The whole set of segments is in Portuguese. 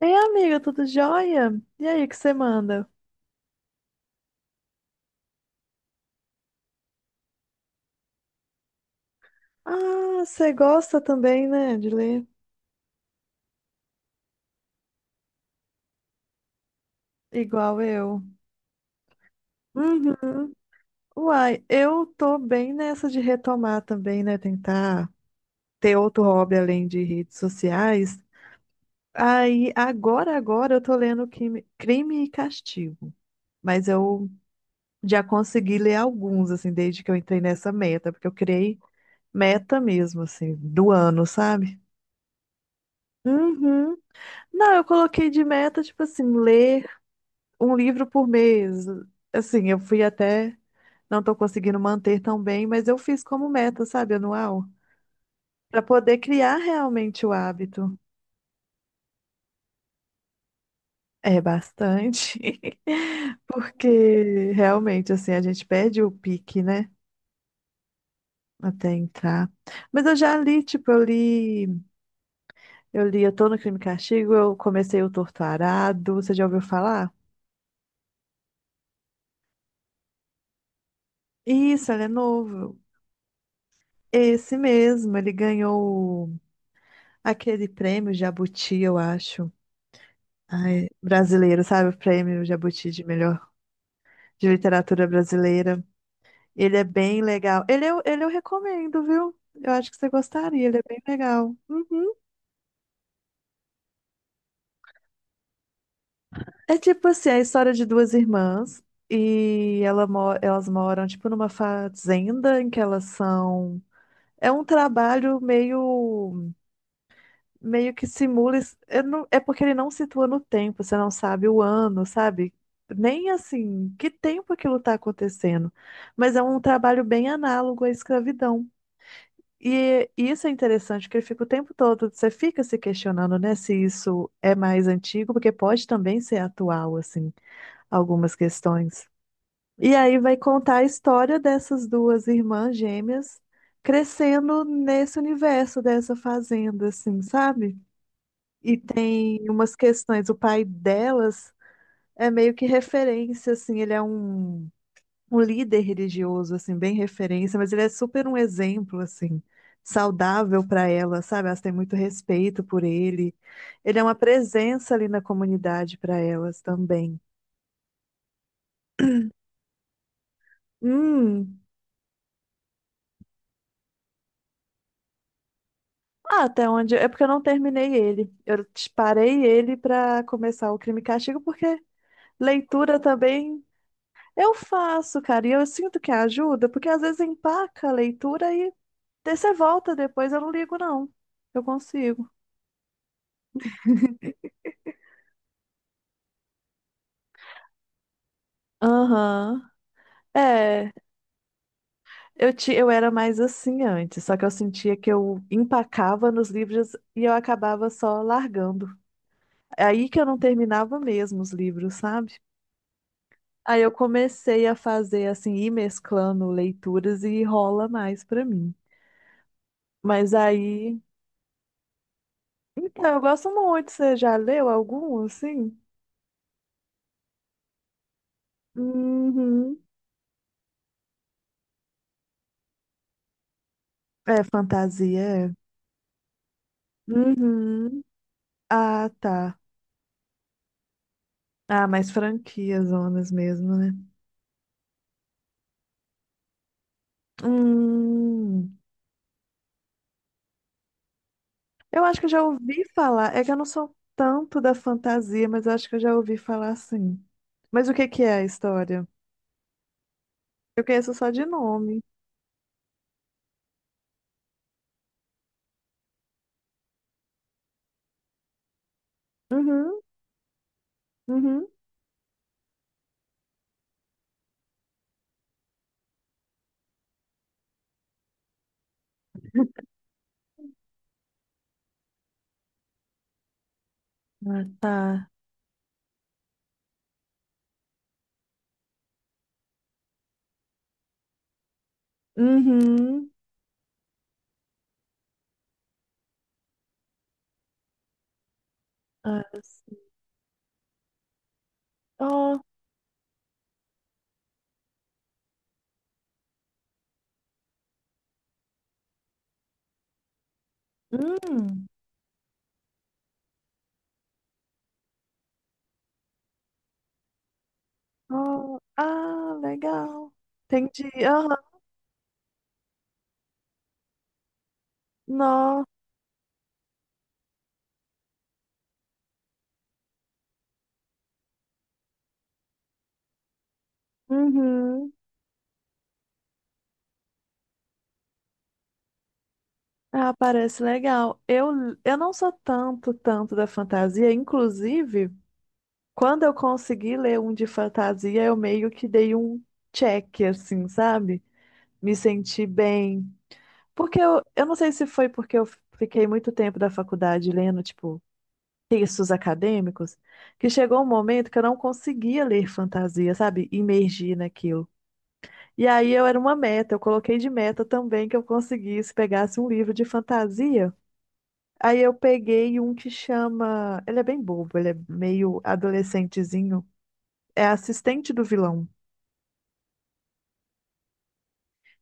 Ei, amiga, tudo jóia? E aí, o que você manda? Ah, você gosta também, né, de ler? Igual eu. Uhum. Uai, eu tô bem nessa de retomar também, né? Tentar ter outro hobby além de redes sociais. Aí, agora eu tô lendo Crime e Castigo. Mas eu já consegui ler alguns, assim, desde que eu entrei nessa meta, porque eu criei meta mesmo, assim, do ano, sabe? Uhum. Não, eu coloquei de meta, tipo assim, ler um livro por mês. Assim, eu fui até, não tô conseguindo manter tão bem, mas eu fiz como meta, sabe, anual, para poder criar realmente o hábito. É bastante, porque realmente, assim, a gente perde o pique, né? Até entrar. Mas eu já li, tipo, eu li Eu Tô no Crime e Castigo, eu comecei o Torto Arado, você já ouviu falar? Isso, ele é novo. Esse mesmo, ele ganhou aquele prêmio Jabuti, eu acho. Ai, brasileiro, sabe? O prêmio Jabuti de melhor de literatura brasileira. Ele é bem legal. Ele eu recomendo, viu? Eu acho que você gostaria, ele é bem legal. Uhum. É tipo assim, a história de duas irmãs e ela, elas moram tipo numa fazenda em que elas são. É um trabalho meio que simula. Eu não, é porque ele não situa no tempo, você não sabe o ano, sabe? Nem assim, que tempo aquilo está acontecendo. Mas é um trabalho bem análogo à escravidão. E isso é interessante, porque ele fica o tempo todo, você fica se questionando, né, se isso é mais antigo, porque pode também ser atual, assim, algumas questões. E aí vai contar a história dessas duas irmãs gêmeas crescendo nesse universo dessa fazenda, assim, sabe? E tem umas questões. O pai delas é meio que referência, assim, ele é um, um líder religioso, assim, bem referência, mas ele é super um exemplo, assim, saudável para elas, sabe? Elas têm muito respeito por ele. Ele é uma presença ali na comunidade para elas também. Hum. Ah, até onde? É porque eu não terminei ele. Eu parei ele para começar o Crime e Castigo, porque leitura também eu faço, cara, e eu sinto que ajuda, porque às vezes empaca a leitura e daí você volta depois, eu não ligo, não. Eu consigo. Aham. É, eu era mais assim antes, só que eu sentia que eu empacava nos livros e eu acabava só largando. É aí que eu não terminava mesmo os livros, sabe? Aí eu comecei a fazer assim, ir mesclando leituras e rola mais pra mim. Mas aí. Então, eu gosto muito. Você já leu algum, assim? Uhum. É fantasia, é. Uhum. Ah, tá. Ah, mas franquias, zonas mesmo, né? Hum, eu acho que eu já ouvi falar. É que eu não sou tanto da fantasia, mas eu acho que eu já ouvi falar sim. Mas o que que é a história? Eu conheço só de nome. Uhum, uhum. Ah, tá. Uhum. Ah, sim. Oh, hum. Oh, ah, legal. Entendi. Aham. Nó. Uhum. Ah, parece legal. Eu não sou tanto da fantasia. Inclusive, quando eu consegui ler um de fantasia, eu meio que dei um check, assim, sabe? Me senti bem. Porque eu não sei se foi porque eu fiquei muito tempo da faculdade lendo, tipo, textos acadêmicos, que chegou um momento que eu não conseguia ler fantasia, sabe? Imergir naquilo. E aí eu era uma meta, eu coloquei de meta também que eu conseguisse, pegasse um livro de fantasia. Aí eu peguei um que chama. Ele é bem bobo, ele é meio adolescentezinho. É assistente do vilão.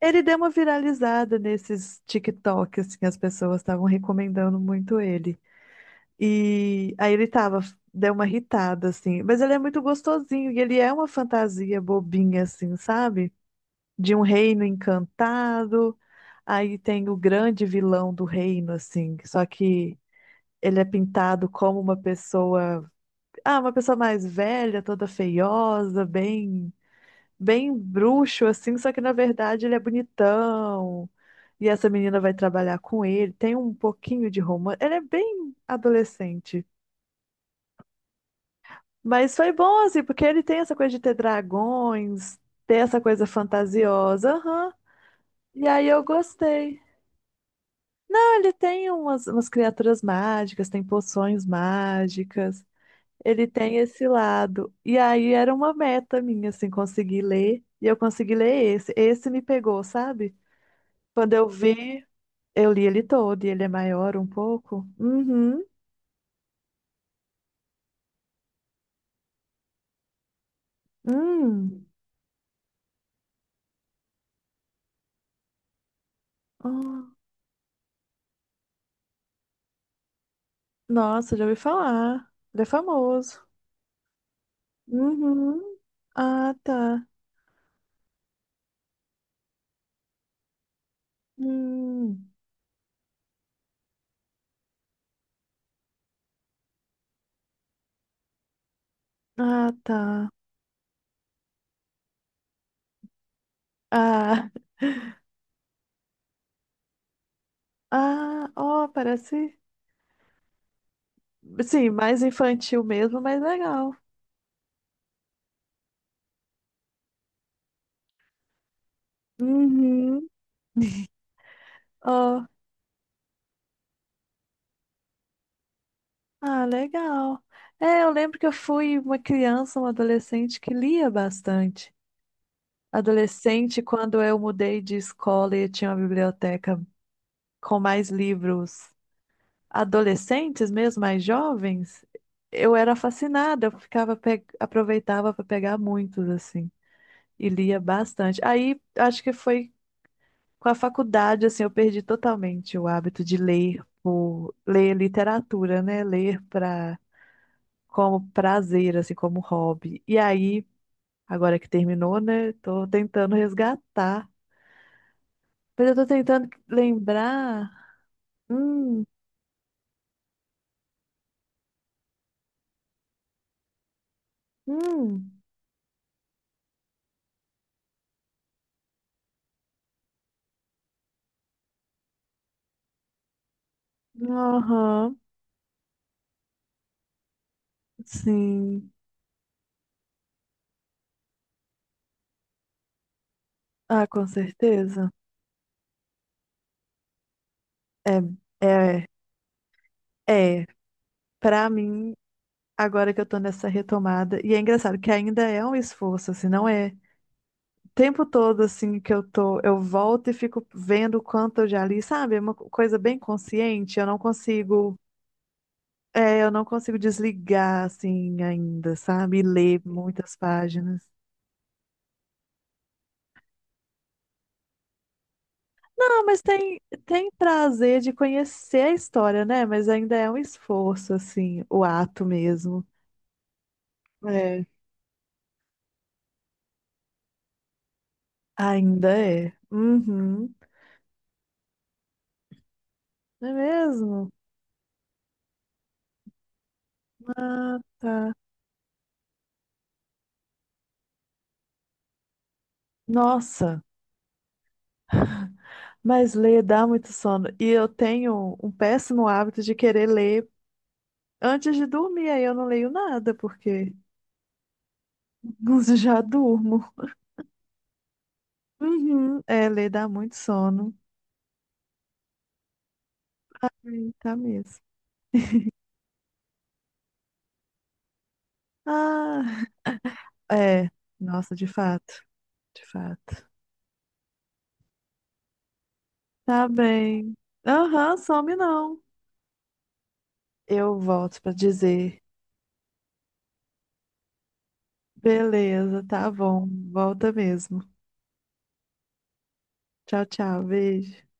Ele deu uma viralizada nesses TikTok, assim, as pessoas estavam recomendando muito ele. E aí ele tava, deu uma irritada, assim. Mas ele é muito gostosinho e ele é uma fantasia bobinha, assim, sabe? De um reino encantado. Aí tem o grande vilão do reino, assim. Só que ele é pintado como uma pessoa. Ah, uma pessoa mais velha, toda feiosa, bem, bem bruxo, assim, só que na verdade ele é bonitão. E essa menina vai trabalhar com ele, tem um pouquinho de romance. Ele é bem adolescente. Mas foi bom, assim, porque ele tem essa coisa de ter dragões, ter essa coisa fantasiosa, aham. E aí eu gostei. Ah, ele tem umas criaturas mágicas, tem poções mágicas. Ele tem esse lado. E aí era uma meta minha, assim, conseguir ler. E eu consegui ler esse. Esse me pegou, sabe? Quando eu vi, eu li ele todo. E ele é maior um pouco. Uhum. Hum. Ah, nossa, já ouvi falar. Ele é famoso. Uhum. Ah, tá. Hum. Ah, tá. Ah, ah, ó, parece. Sim, mais infantil mesmo, mas legal. Uhum. Ó. Ah, legal. É, eu lembro que eu fui uma criança, uma adolescente que lia bastante. Adolescente, quando eu mudei de escola e tinha uma biblioteca com mais livros adolescentes mesmo, mais jovens, eu era fascinada, eu ficava aproveitava para pegar muitos assim e lia bastante. Aí acho que foi com a faculdade assim, eu perdi totalmente o hábito de ler, por ler literatura, né? Ler para como prazer, assim, como hobby. E aí, agora que terminou, né? Tô tentando resgatar. Mas eu tô tentando lembrar. Hum, hum, aham, sim. Ah, com certeza. É, é, é. Pra mim, agora que eu tô nessa retomada, e é engraçado que ainda é um esforço, assim, não é. O tempo todo, assim, que eu tô, eu volto e fico vendo o quanto eu já li, sabe? É uma coisa bem consciente, eu não consigo. É, eu não consigo desligar assim ainda, sabe? E ler muitas páginas. Ah, mas tem prazer de conhecer a história, né? Mas ainda é um esforço, assim, o ato mesmo. É. Ainda é. Uhum. Não é mesmo? Ah, tá. Nossa, mas ler dá muito sono. E eu tenho um péssimo hábito de querer ler antes de dormir. Aí eu não leio nada, porque já durmo. Uhum. É, ler dá muito sono. Sim, tá mesmo. Ah, é. Nossa, de fato, de fato. Tá bem. Aham, some não. Eu volto pra dizer. Beleza, tá bom. Volta mesmo. Tchau, tchau. Beijo.